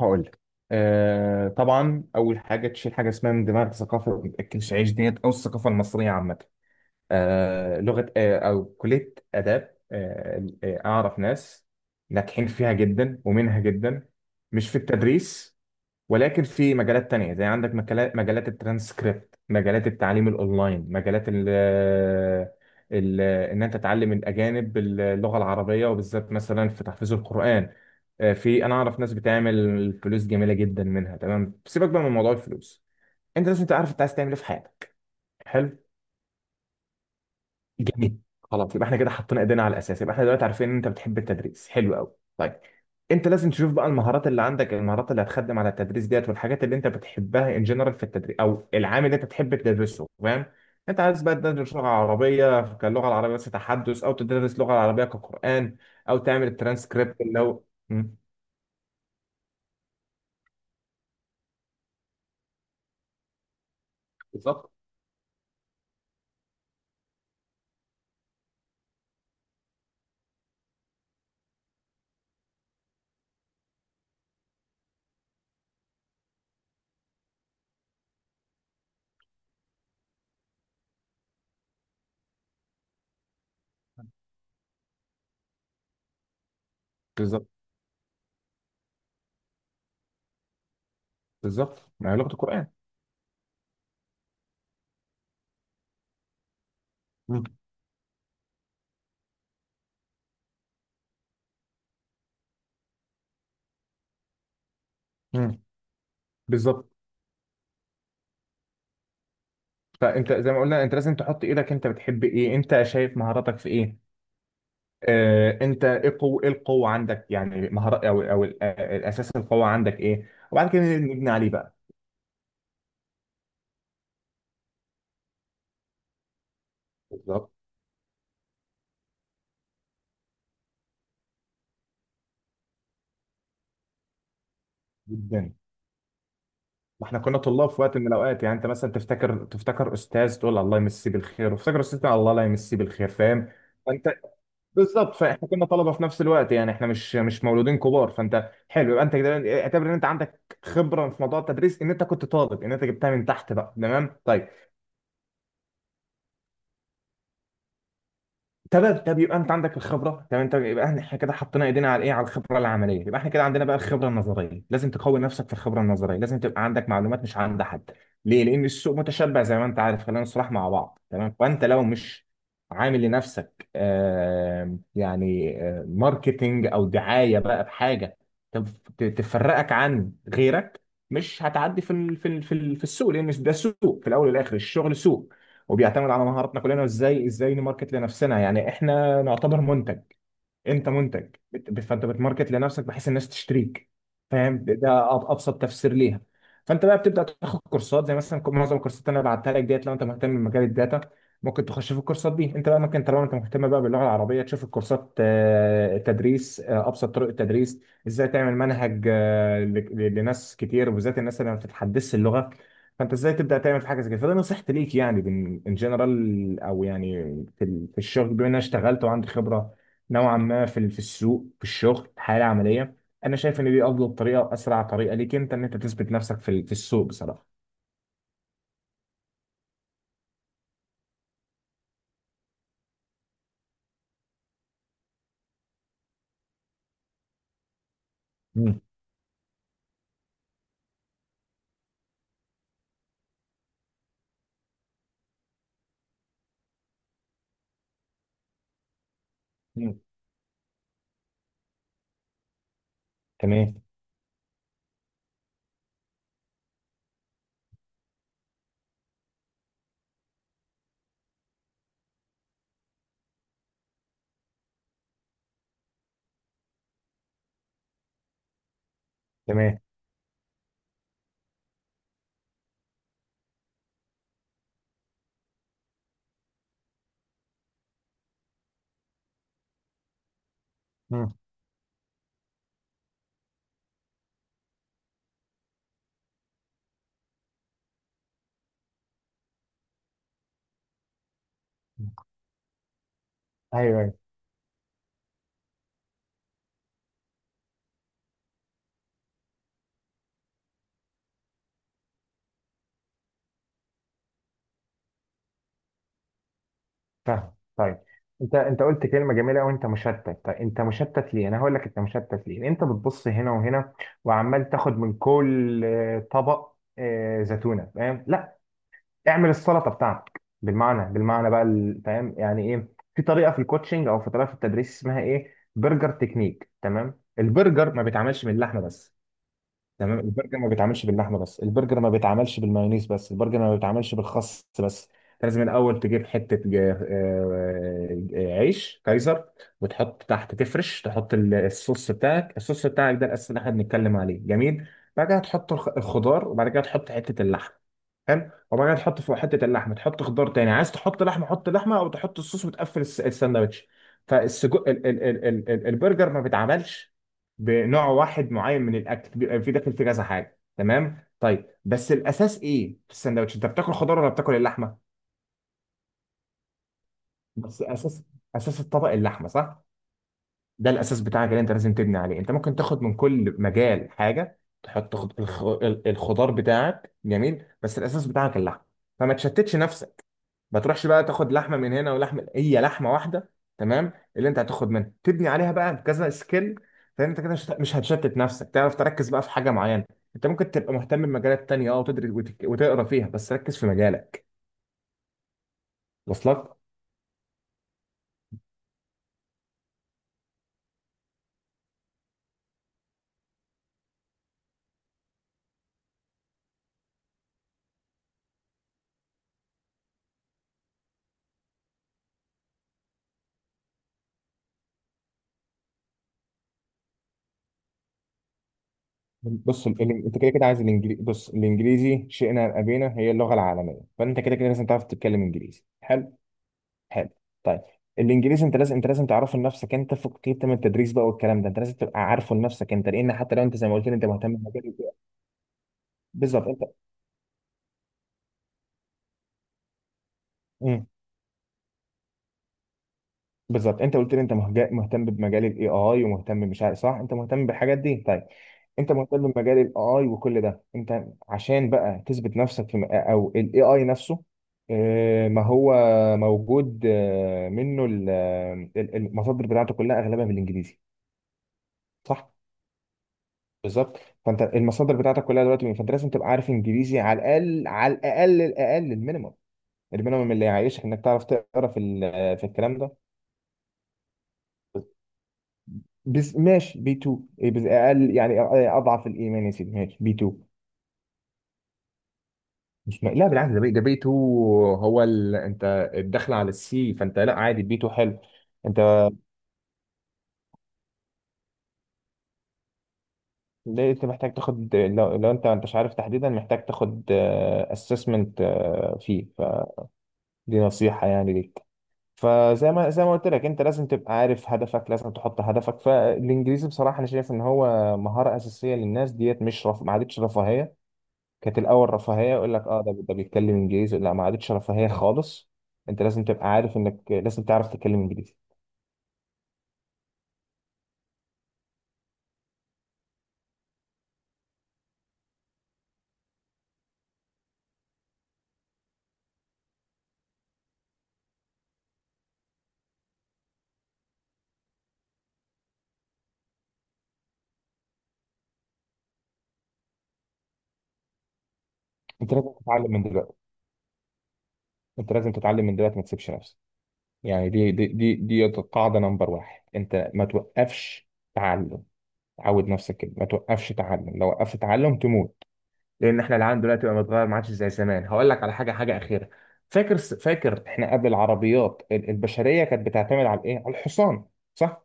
هقول لك. طبعا اول حاجه تشيل حاجه اسمها من دماغ الثقافه الكلشعيش ديت او الثقافه المصريه عامه. لغه او كليه اداب اعرف ناس ناجحين فيها جدا ومنها جدا، مش في التدريس، ولكن في مجالات تانية. زي عندك مجالات الترانسكريبت، مجالات التعليم الاونلاين، مجالات ال ال ان انت تعلم الاجانب اللغه العربيه وبالذات مثلا في تحفيظ القران. آه، في انا اعرف ناس بتعمل فلوس جميله جدا منها. تمام، سيبك بقى من موضوع الفلوس. انت لازم تعرف انت عايز تعمل ايه في حياتك. حلو. جميل، خلاص يبقى احنا كده حطينا ايدينا على الاساس. يبقى احنا دلوقتي عارفين ان انت بتحب التدريس. حلو قوي. طيب، انت لازم تشوف بقى المهارات اللي عندك، المهارات اللي هتخدم على التدريس ديت، والحاجات اللي انت بتحبها ان جنرال في التدريس او العام اللي انت بتحب تدرسه. فاهم؟ انت عايز بقى تدرس لغه عربيه كاللغه العربيه بس تحدث، او تدرس لغه عربيه كقران، او تعمل الترانسكريبت اللي هو. مم. بالظبط بالظبط بالظبط، ما هي لغه القران. مم. مم. بالظبط. فانت زي ما قلنا انت لازم تحط ايدك. انت بتحب ايه؟ انت شايف مهاراتك في ايه؟ انت ايه القوه؟ ايه القوه عندك؟ يعني مهارات او الاساس القوه عندك ايه وبعد كده نبني عليه بقى. بالظبط جدا. ما احنا كنا طلاب في وقت من الاوقات. يعني انت مثلا تفتكر استاذ تقول الله يمسيه بالخير، وتفتكر استاذ تقول الله لا يمسيه بالخير. فاهم؟ فانت بالظبط، فاحنا كنا طلبه في نفس الوقت. يعني احنا مش مولودين كبار. فانت حلو، يبقى انت كده اعتبر ان انت عندك خبره في موضوع التدريس، ان انت كنت طالب، ان انت جبتها من تحت بقى. تمام، طيب. تمام، طب يبقى انت عندك الخبره. تمام، طب يبقى احنا كده حطينا ايدينا على ايه؟ على الخبره العمليه. يبقى احنا كده عندنا بقى الخبره النظريه. لازم تقوي نفسك في الخبره النظريه، لازم تبقى عندك معلومات مش عند حد. ليه؟ لان السوق متشبع زي ما انت عارف، خلينا نصرح مع بعض. تمام، فانت لو مش عامل لنفسك ماركتينج او دعايه بقى بحاجه تفرقك عن غيرك، مش هتعدي في السوق. لان ده سوق، في الاول والاخر الشغل سوق، وبيعتمد على مهاراتنا كلنا وازاي نماركت لنفسنا. يعني احنا نعتبر منتج. انت منتج، فانت بتماركت لنفسك بحيث الناس تشتريك. فاهم؟ ابسط تفسير ليها. فانت بقى بتبدا تاخد كورسات، زي مثلا معظم الكورسات اللي انا بعتها لك ديت لو انت مهتم بمجال الداتا ممكن تخش في الكورسات دي. انت بقى ممكن طالما انت مهتم بقى باللغه العربيه تشوف الكورسات. تدريس، ابسط طرق التدريس، ازاي تعمل منهج لناس كتير وبالذات الناس اللي ما بتتحدثش اللغه. فانت ازاي تبدا تعمل في حاجه زي كده. فده نصيحتي ليك يعني ان جنرال. او يعني في الشغل، بما ان انا اشتغلت وعندي خبره نوعا ما في السوق في الشغل حالة عملية، انا شايف ان دي افضل طريقة، اسرع طريقة ليك انت ان انت تثبت نفسك في السوق بصراحة. مم. مم. تمام. تمام. مم. ايوه، ايوه. فاهم. طيب، انت قلت كلمه جميله قوي، انت مشتت. طيب انت مشتت ليه؟ انا هقول لك انت مشتت ليه. انت بتبص هنا وهنا، وعمال تاخد من كل طبق، زيتونه. فاهم؟ لا، اعمل السلطه بتاعتك بالمعنى، فاهم يعني ايه. في طريقه في الكوتشنج، او في طريقه في التدريس، اسمها ايه؟ برجر تكنيك. تمام؟ البرجر ما بيتعملش من اللحمه بس. تمام؟ البرجر ما بيتعملش باللحمه بس، البرجر ما بيتعملش بالمايونيز بس، البرجر ما بيتعملش بالخس بس. أنت لازم الاول تجيب حته عيش كايزر، وتحط تحت، تفرش، تحط الصوص بتاعك. الصوص بتاعك ده الاساس اللي احنا بنتكلم عليه. جميل، بعد كده تحط الخضار، وبعد كده تحط حته اللحم. حلو، وبعد كده تحط فوق حته اللحمه تحط خضار تاني، عايز تحط لحمه حط لحمه، او تحط الصوص وتقفل الساندوتش. فالسجق ال ال ال ال ال البرجر ما بيتعملش بنوع واحد معين من الاكل، بيبقى في داخل فيه كذا حاجه. تمام؟ طيب بس الاساس ايه في الساندوتش؟ انت بتاكل خضار ولا بتاكل اللحمه؟ بس اساس، اساس الطبق اللحمه، صح؟ ده الاساس بتاعك اللي انت لازم تبني عليه. انت ممكن تاخد من كل مجال حاجه، تحط الخضار بتاعك، جميل، بس الاساس بتاعك اللحمه. فما تشتتش نفسك. ما تروحش بقى تاخد لحمه من هنا ولحمه، هي لحمه واحده، تمام؟ اللي انت هتاخد منها تبني عليها بقى كذا سكيل. فانت كده مش هتشتت نفسك، تعرف تركز بقى في حاجه معينه. انت ممكن تبقى مهتم بمجالات تانية، اه وتدرس وتقرا فيها، بس ركز في مجالك. وصلك؟ بص انت كده كده عايز الانجليزي. بص، الانجليزي شئنا ام ابينا هي اللغه العالميه، فانت كده كده لازم تعرف تتكلم انجليزي. حلو؟ حلو. طيب، الانجليزي انت لازم تعرفه لنفسك انت، فوق كده من التدريس بقى والكلام ده. انت لازم تبقى عارفه لنفسك انت، لان حتى لو انت زي ما قلت لي انت مهتم بالمجال بالظبط. انت امم بالظبط انت قلت لي انت مهتم بمجال الاي اي، ومهتم، مش عارف، صح؟ انت مهتم بالحاجات دي. طيب، انت مهتم بمجال الاي اي وكل ده. انت عشان بقى تثبت نفسك او الاي اي نفسه، ما هو موجود المصادر بتاعته كلها اغلبها بالانجليزي. صح؟ بالظبط. فانت المصادر بتاعتك كلها دلوقتي، فانت لازم تبقى عارف انجليزي على الاقل، الاقل المينيمم. المينيمم اللي يعيشك، انك تعرف تقرا في الكلام ده. بس ماشي، بي B2 إيه بس؟ اقل يعني، أ- اضعف الايمان يا سيدي، ماشي بي B2. مش م... لا بالعكس، ده بي، B2 هو انت الدخل على السي، فانت لا عادي بي B2 حلو. انت ليه انت محتاج تاخد، لو انت مش عارف تحديدا، محتاج تاخد اسسمنت فيه، فدي نصيحة يعني ليك. فزي ما زي ما قلت لك، انت لازم تبقى عارف هدفك، لازم تحط هدفك. فالانجليزي بصراحة انا شايف ان هو مهارة اساسية للناس ديت، مش ما عادتش رفاهية. كانت الاول رفاهيه، يقول لك اه ده ده بيتكلم انجليزي. لا، ما عادتش رفاهيه خالص. انت لازم تبقى عارف انك لازم تعرف تتكلم انجليزي. انت لازم تتعلم من دلوقتي. ما تسيبش نفسك. يعني دي قاعده نمبر واحد، انت ما توقفش تعلم. عود نفسك كده، ما توقفش تعلم، لو وقفت تعلم تموت. لان احنا العالم دلوقتي بقى متغير، ما عادش زي زمان. هقول لك على حاجه، حاجه اخيره. فاكر احنا قبل العربيات البشريه كانت بتعتمد على ايه؟ على الحصان. صح؟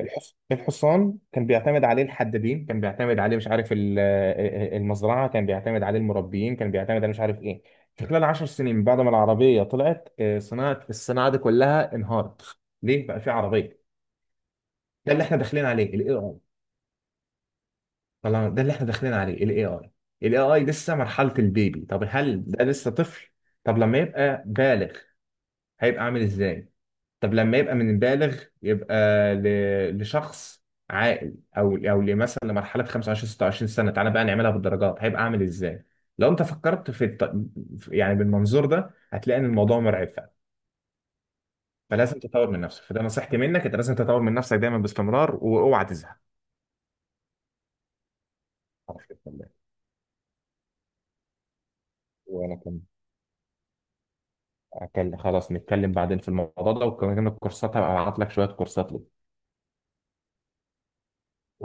الحصان كان بيعتمد عليه الحدادين، كان بيعتمد عليه مش عارف المزرعة، كان بيعتمد عليه المربيين، كان بيعتمد عليه مش عارف ايه. في خلال 10 سنين بعد ما العربية طلعت، آه، صناعة الصناعة دي كلها انهارت. ليه بقى؟ في عربية. ده اللي احنا داخلين عليه الاي اي. طبعا، ده اللي احنا داخلين عليه الاي اي. الاي اي لسه مرحلة البيبي. طب هل ده لسه طفل؟ طب لما يبقى بالغ هيبقى عامل ازاي؟ طب لما يبقى من البالغ يبقى لشخص عاقل، او او مثلا لمرحله 25 26 سنه، تعالى بقى نعملها بالدرجات، هيبقى عامل ازاي؟ لو انت فكرت يعني بالمنظور ده هتلاقي ان الموضوع مرعب فعلا. فلازم تطور من نفسك. فده نصيحتي منك، انت لازم تطور من نفسك دايما باستمرار، واوعى تزهق. عارف الكلام. وانا كنت خلاص نتكلم بعدين في الموضوع ده، وكمان الكورسات هبقى ابعت لك شويه كورسات.